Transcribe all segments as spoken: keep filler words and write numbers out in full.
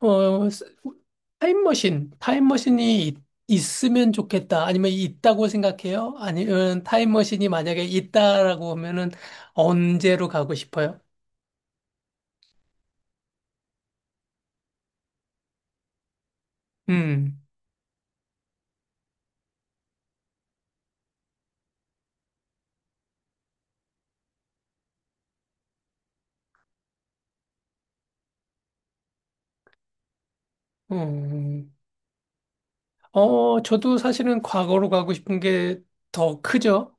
어, 스- 타임머신, 타임머신이 있- 있으면 좋겠다. 아니면 있다고 생각해요? 아니면 타임머신이 만약에 있다라고 하면은 언제로 가고 싶어요? 음, 음. 음. 어, 저도 사실은 과거로 가고 싶은 게 더 크죠.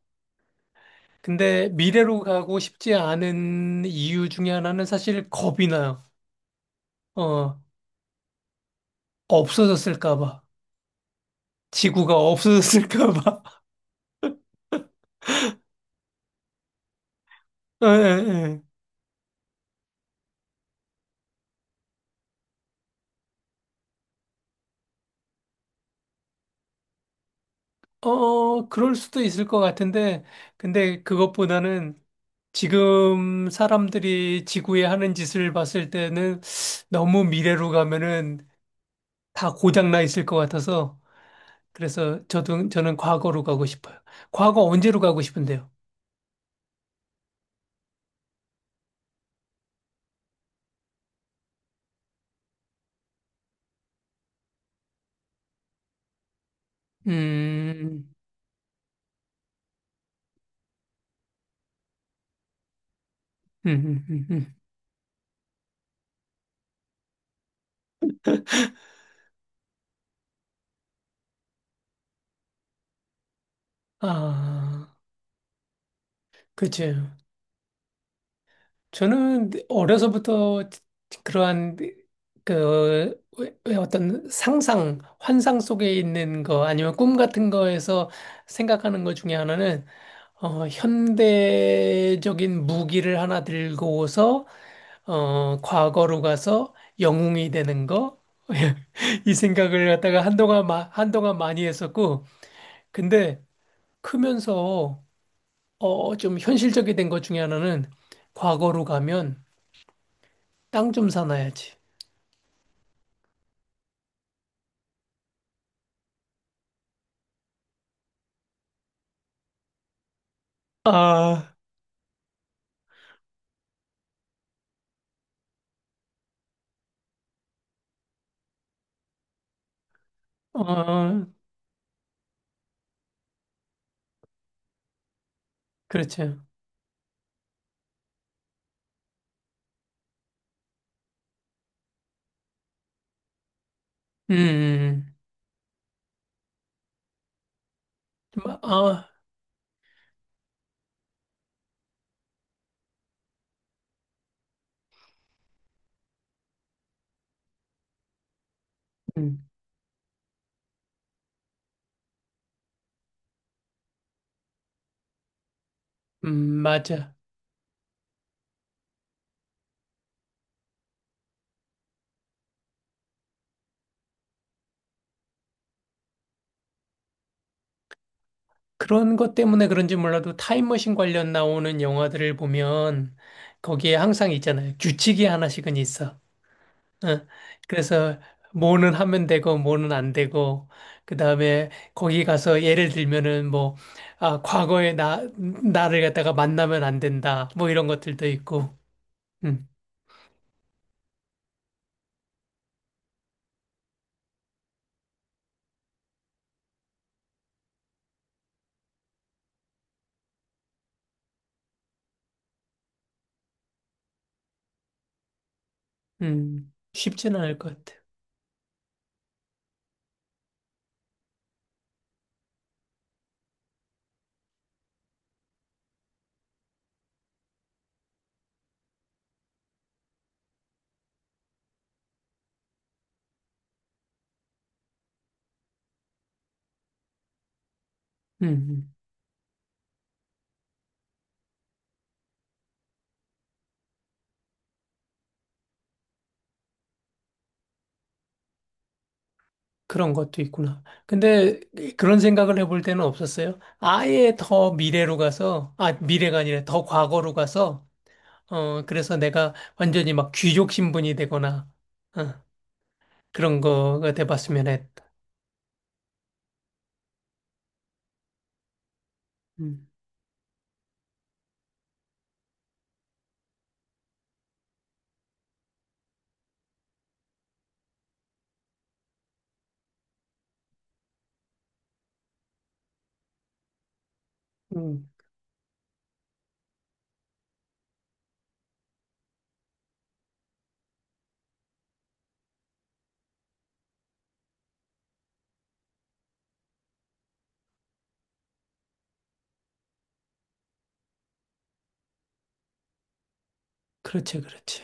근데 미래로 가고 싶지 않은 이유 중에 하나는 사실 겁이 나요. 어, 없어졌을까 봐. 지구가 없어졌을까 봐. 예, 예, 예. 어, 그럴 수도 있을 것 같은데, 근데 그것보다는 지금 사람들이 지구에 하는 짓을 봤을 때는 너무 미래로 가면은 다 고장나 있을 것 같아서, 그래서 저도, 저는 과거로 가고 싶어요. 과거 언제로 가고 싶은데요? 음, 음, 음, 음. 음. 아, 그치. 저는 어려서부터 그러한 그 왜 왜 어떤 상상, 환상 속에 있는 거 아니면 꿈 같은 거에서 생각하는 것 중에 하나는 어, 현대적인 무기를 하나 들고서 어, 과거로 가서 영웅이 되는 거. 이 생각을 갖다가 한동안, 마- 한동안 많이 했었고, 근데 크면서, 어, 좀 현실적이 된 것 중에 하나는 과거로 가면 땅 좀 사놔야지. 아, 어, 그렇죠. 음, 음, 마- 아, 음, 음, 맞아. 그런 것 때문에 그런지 몰라도 타임머신 관련 나오는 영화들을 보면 거기에 항상 있잖아요. 규칙이 하나씩은 있어. 어, 그래서 뭐는 하면 되고 뭐는 안 되고 그다음에 거기 가서 예를 들면은 뭐 아, 과거에 나 나를 갖다가 만나면 안 된다. 뭐 이런 것들도 있고. 음, 음, 쉽지는 않을 것 같아. 음, 그런 것도 있구나. 근데 그런 생각을 해볼 때는 없었어요. 아예 더 미래로 가서, 아, 미래가 아니라 더 과거로 가서, 어, 그래서 내가 완전히 막 귀족 신분이 되거나, 어, 그런 거가 돼봤으면 했다. 음, 음, 그렇지, 그렇지.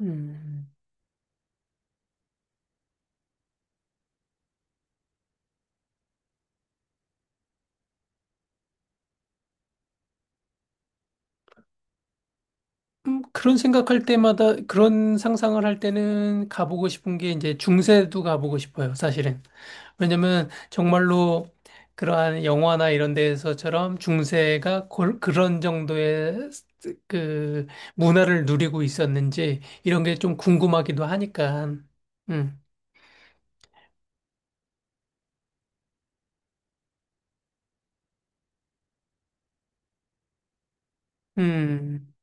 음. 음, 그런 생각할 때마다 그런 상상을 할 때는 가보고 싶은 게 이제 중세도 가보고 싶어요, 사실은. 왜냐면 정말로 그러한 영화나 이런 데에서처럼 중세가 골- 그런 정도의 그 문화를 누리고 있었는지 이런 게 좀 궁금하기도 하니까. 음, 음,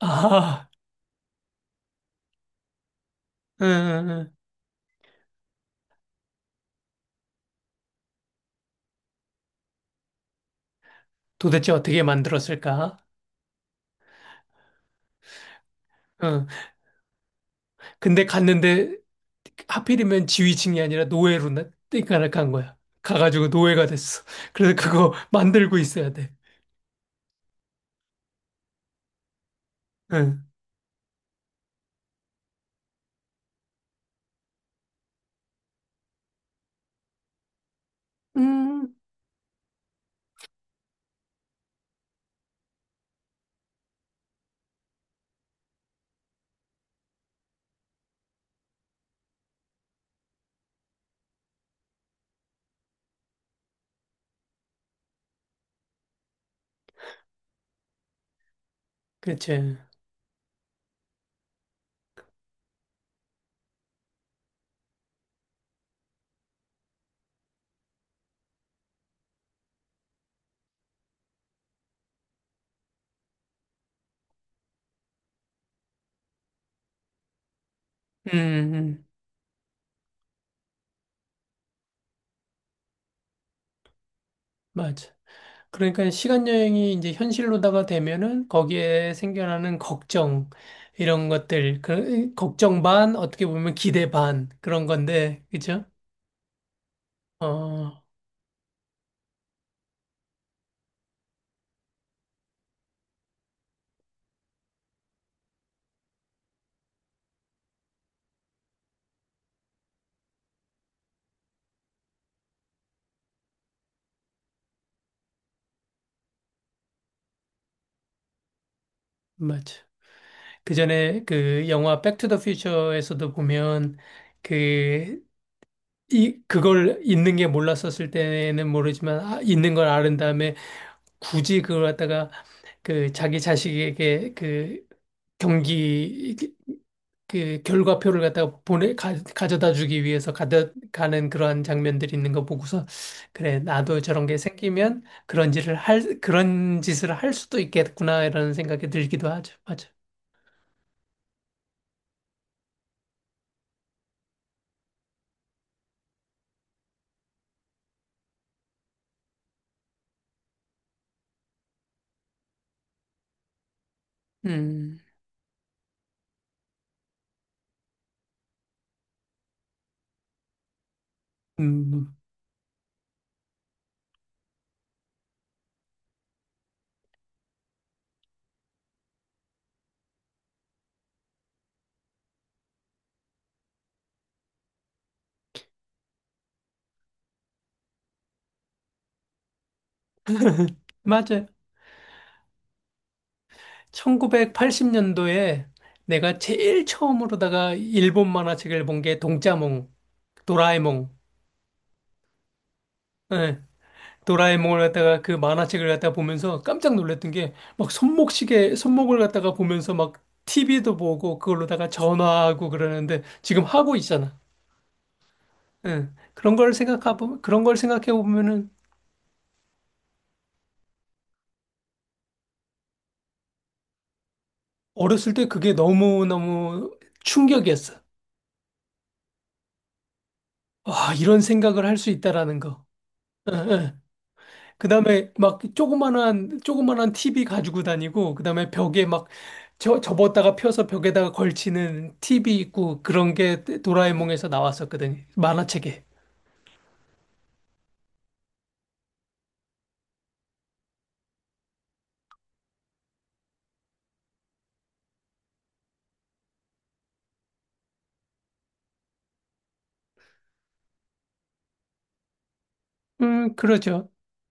아, 음, 음, 음. 도대체 어떻게 만들었을까? 응, 근데 갔는데 하필이면 지위층이 아니라 노예로 나 땡깡을 간 거야. 가가지고 노예가 됐어. 그래서 그거 만들고 있어야 돼. 응. 음, 그치. 음, 음. 맞아. 그러니까 시간 여행이 이제 현실로다가 되면은 거기에 생겨나는 걱정, 이런 것들, 그, 걱정 반, 어떻게 보면 기대 반, 그런 건데, 그죠? 어, 맞아. 그 전에 그 영화 백 투 더 퓨처에서도 보면 그 이 그걸 있는 게 몰랐었을 때는 모르지만 아, 있는 걸 아는 다음에 굳이 그걸 갖다가 그 자기 자식에게 그 경기 그 결과표를 갖다가 보내 가, 져다 주기 위해서 가다, 가는 그러한 장면들이 있는 거 보고서 그래 나도 저런 게 생기면 그런 짓을 할 그런 짓을 할 수도 있겠구나 이런 생각이 들기도 하죠. 맞아. 음. 음. 맞아요. 천구백팔십 년도에 내가 제일 처음으로다가 일본 만화책을 본게 동짜몽, 도라에몽, 예, 도라에몽을 갖다가 그 만화책을 갖다가 보면서 깜짝 놀랐던 게 막 손목시계, 손목을 갖다가 보면서 막 티비도 보고 그걸로다가 전화하고 그러는데 지금 하고 있잖아. 예, 그런 걸 생각해보면, 그런 걸 생각해보면은 어렸을 때 그게 너무너무 충격이었어. 와, 이런 생각을 할 수 있다라는 거. 예, 예. 그다음에 막 조그만한 조그만한 티비 가지고 다니고 그다음에 벽에 막 저, 접었다가 펴서 벽에다가 걸치는 티비 있고 그런 게 도라에몽에서 나왔었거든요. 만화책에. 음, 그렇죠.